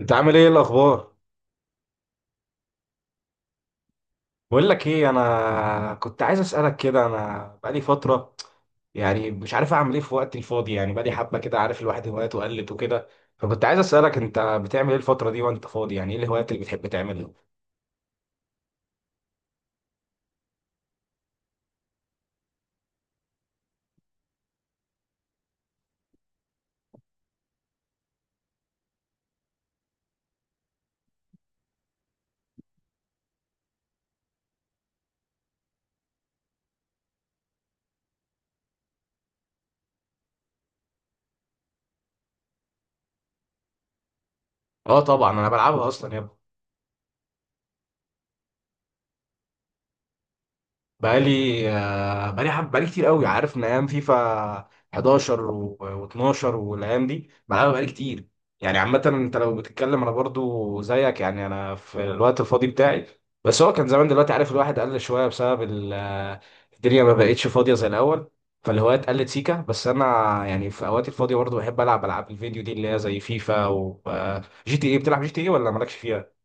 انت عامل ايه الاخبار؟ بقول لك ايه، انا كنت عايز اسالك كده. انا بقالي فتره يعني مش عارف اعمل ايه في وقتي الفاضي. يعني بقالي حبه كده، عارف، الواحد هواياته قلت وكده. فكنت عايز اسالك، انت بتعمل ايه الفتره دي وانت فاضي؟ يعني ايه الهوايات اللي بتحب تعملها؟ اه، طبعا انا بلعبها اصلا يا ابني. بقالي بقالي حب، بقالي كتير قوي، عارف، من ايام فيفا 11 و12 والايام دي بلعبها بقالي كتير. يعني عامة انت لو بتتكلم، انا برضو زيك. يعني انا في الوقت الفاضي بتاعي، بس هو كان زمان، دلوقتي عارف الواحد قل شوية بسبب الدنيا ما بقتش فاضية زي الاول. فالهوايات قلت سيكا، بس انا يعني في اوقاتي الفاضية برضو بحب العب العاب الفيديو دي اللي هي زي فيفا و جي تي اي. بتلعب جي تي اي ولا مالكش فيها؟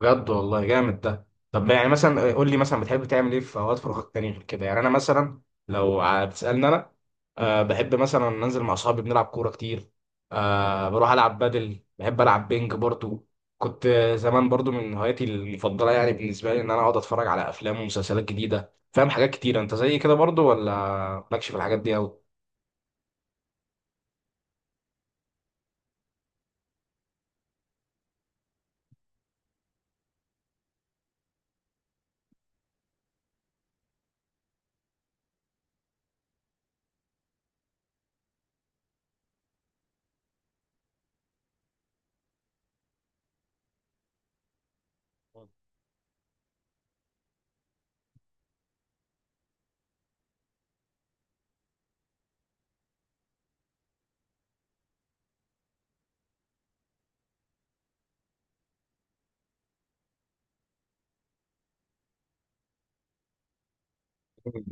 بجد والله جامد ده. طب يعني مثلا قول لي، مثلا بتحب تعمل ايه في اوقات فراغك تاني غير كده؟ يعني انا مثلا، لو هتسالني انا، أه بحب مثلا ننزل مع اصحابي بنلعب كوره كتير. أه بروح العب بدل، بحب العب بينج برضو. كنت زمان برضو من هواياتي المفضله، يعني بالنسبه لي ان انا اقعد اتفرج على افلام ومسلسلات جديده، فاهم، حاجات كتير. انت زي كده برضو، ولا مالكش في الحاجات دي قوي؟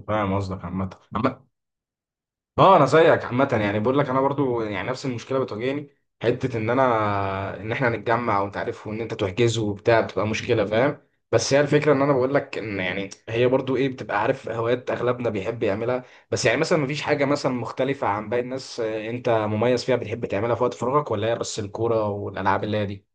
فاهم قصدك عامه. عامة، اه انا زيك عامه. يعني بقول لك انا برضو يعني نفس المشكله بتواجهني، حته ان انا ان احنا نتجمع وانت عارف، وان انت تحجزه وبتاع بتبقى مشكله، فاهم. بس هي الفكره، ان انا بقول لك ان يعني هي برضو ايه، بتبقى عارف هوايات اغلبنا بيحب يعملها. بس يعني مثلا مفيش حاجه مثلا مختلفه عن باقي الناس، انت مميز فيها بتحب تعملها في وقت فراغك، ولا هي بس الكوره والالعاب اللي هي دي؟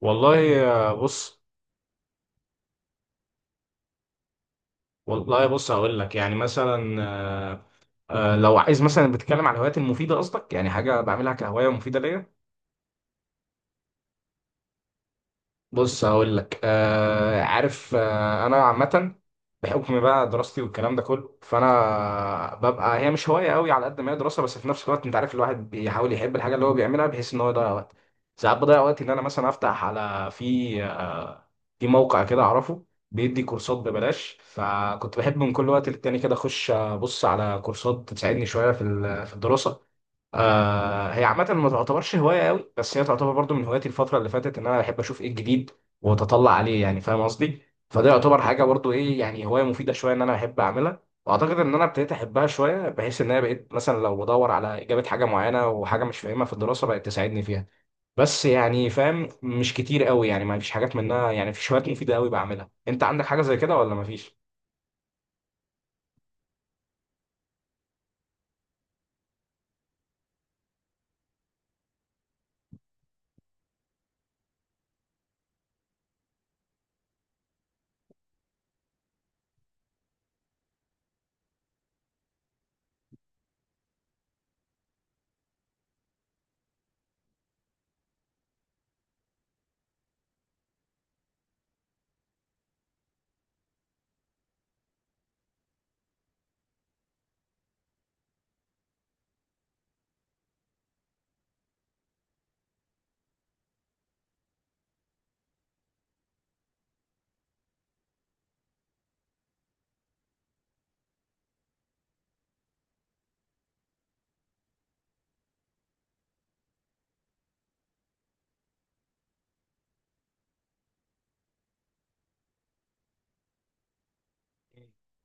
والله بص. والله بص، هقول لك يعني مثلا، لو عايز مثلا بتتكلم على الهوايات المفيده قصدك، يعني حاجه بعملها كهوايه مفيده ليا. بص هقول لك، عارف، انا عامه، بحكم بقى دراستي والكلام ده كله، فانا ببقى، هي مش هوايه قوي على قد ما هي دراسه، بس في نفس الوقت انت عارف الواحد بيحاول يحب الحاجه اللي هو بيعملها بحيث ان هو يضيع وقت. ساعات بضيع وقت ان انا مثلا افتح على في موقع كده اعرفه، بيدي كورسات ببلاش. فكنت بحب من كل وقت للتاني كده اخش ابص على كورسات تساعدني شويه في الدراسه. هي عامه ما تعتبرش هوايه قوي، بس هي تعتبر برضو من هواياتي الفتره اللي فاتت ان انا بحب اشوف ايه الجديد واتطلع عليه، يعني فاهم قصدي. فده يعتبر حاجه برضو ايه، يعني هوايه مفيده شويه ان انا بحب اعملها، واعتقد ان انا ابتديت احبها شويه بحيث ان انا بقيت مثلا لو بدور على اجابه حاجه معينه وحاجه مش فاهمها في الدراسه، بقت تساعدني فيها. بس يعني فاهم مش كتير قوي، يعني ما فيش حاجات منها، يعني في شوية مفيدة قوي بعملها. انت عندك حاجة زي كده ولا ما فيش؟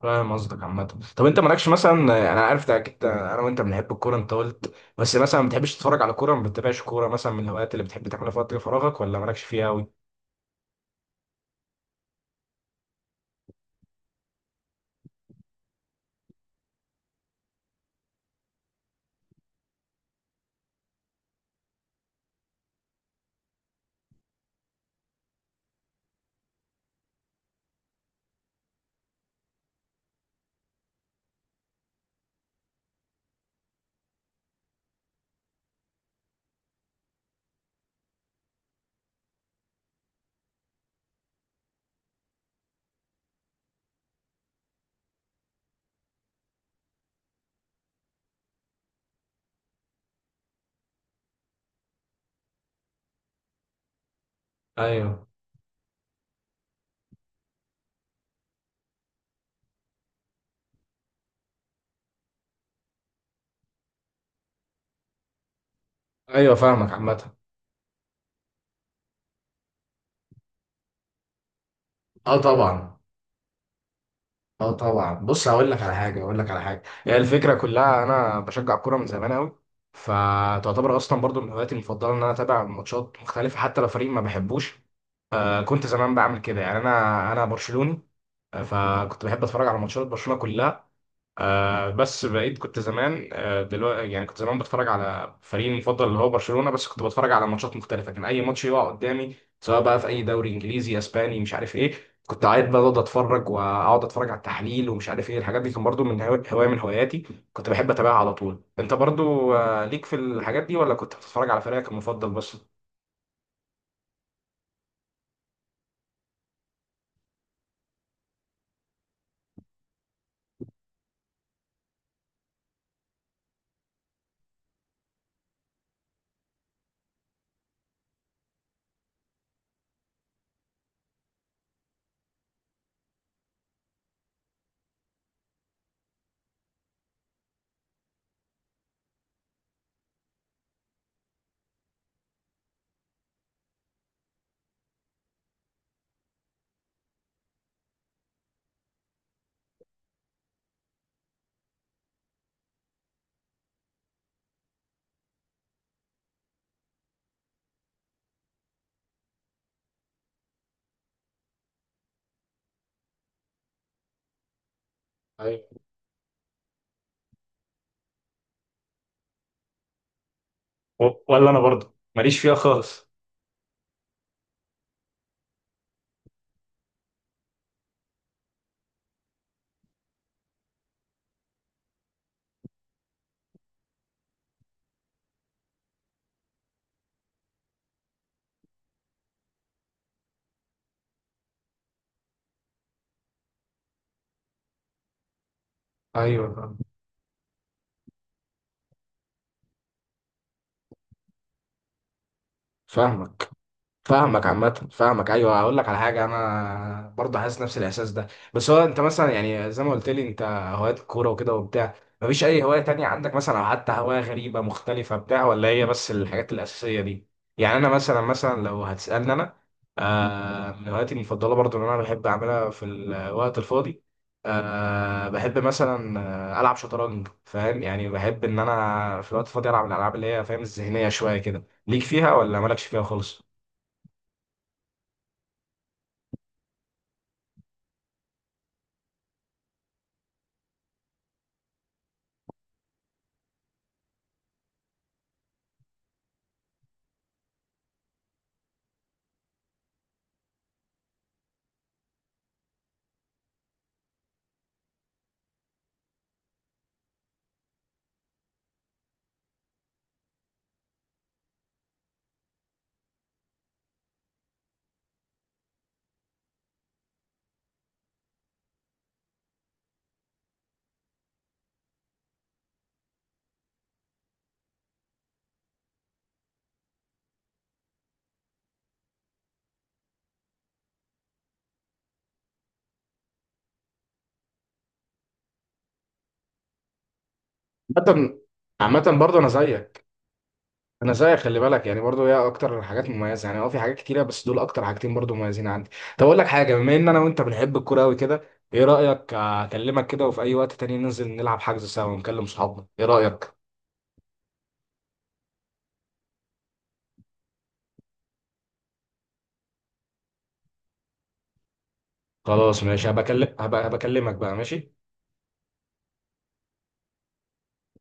فاهم قصدك عامة. طب انت مالكش مثلا، انا عارف ده اكيد انا وانت بنحب الكورة، انت قلت، بس مثلا ما بتحبش تتفرج على كورة، ما بتتابعش كورة مثلا من الهوايات اللي بتحب تعملها في وقت فراغك، ولا مالكش فيها قوي؟ ايوه، ايوه، فاهمك عامة. اه طبعا، اه طبعا، بص هقول لك على حاجة. هي الفكرة كلها، انا بشجع الكورة من زمان قوي، فتعتبر اصلا برضو من هواياتي المفضلة ان انا اتابع ماتشات مختلفة حتى لو فريق ما بحبوش. كنت زمان بعمل كده، يعني انا برشلوني. فكنت بحب اتفرج على ماتشات برشلونه كلها. بس بقيت كنت زمان، دلوقتي يعني كنت زمان بتفرج على فريقي المفضل اللي هو برشلونه. بس كنت بتفرج على ماتشات مختلفه، كان اي ماتش يقع قدامي سواء بقى في اي دوري انجليزي، اسباني، مش عارف ايه. كنت قاعد بقى اقعد اتفرج، واقعد اتفرج على التحليل ومش عارف ايه الحاجات دي، كان برضو من هوايه من هواياتي. كنت بحب اتابعها على طول. انت برضو ليك في الحاجات دي، ولا كنت بتتفرج على فريقك المفضل بس؟ ايوه. ولا انا برضو ماليش فيها خالص. ايوه فاهم. فاهمك فاهمك عامة، فاهمك. أيوه هقول لك على حاجة، أنا برضه حاسس نفس الإحساس ده. بس هو أنت مثلا، يعني زي ما قلت لي أنت، هوايات كورة وكده وبتاع، مفيش أي هواية تانية عندك مثلا؟ أو حتى هواية غريبة مختلفة بتاع، ولا هي بس الحاجات الأساسية دي؟ يعني أنا مثلا لو هتسألني أنا، من هواياتي المفضلة برضه اللي أنا بحب أعملها في الوقت الفاضي، بحب مثلا ألعب شطرنج. فاهم يعني بحب إن أنا في الوقت الفاضي ألعب الألعاب اللي هي فاهم الذهنية شوية كده. ليك فيها ولا مالكش فيها خالص؟ عامة عامة برضه أنا زيك خلي بالك. يعني برضه هي أكتر حاجات مميزة، يعني في حاجات كتيرة بس دول أكتر حاجتين برضه مميزين عندي. طب أقول لك حاجة، بما إن أنا وأنت بنحب الكورة أوي كده، إيه رأيك أكلمك كده وفي أي وقت تاني ننزل نلعب، حجز سوا، ونكلم صحابنا، إيه رأيك؟ خلاص ماشي. هبقى هبكلمك بقى، ماشي.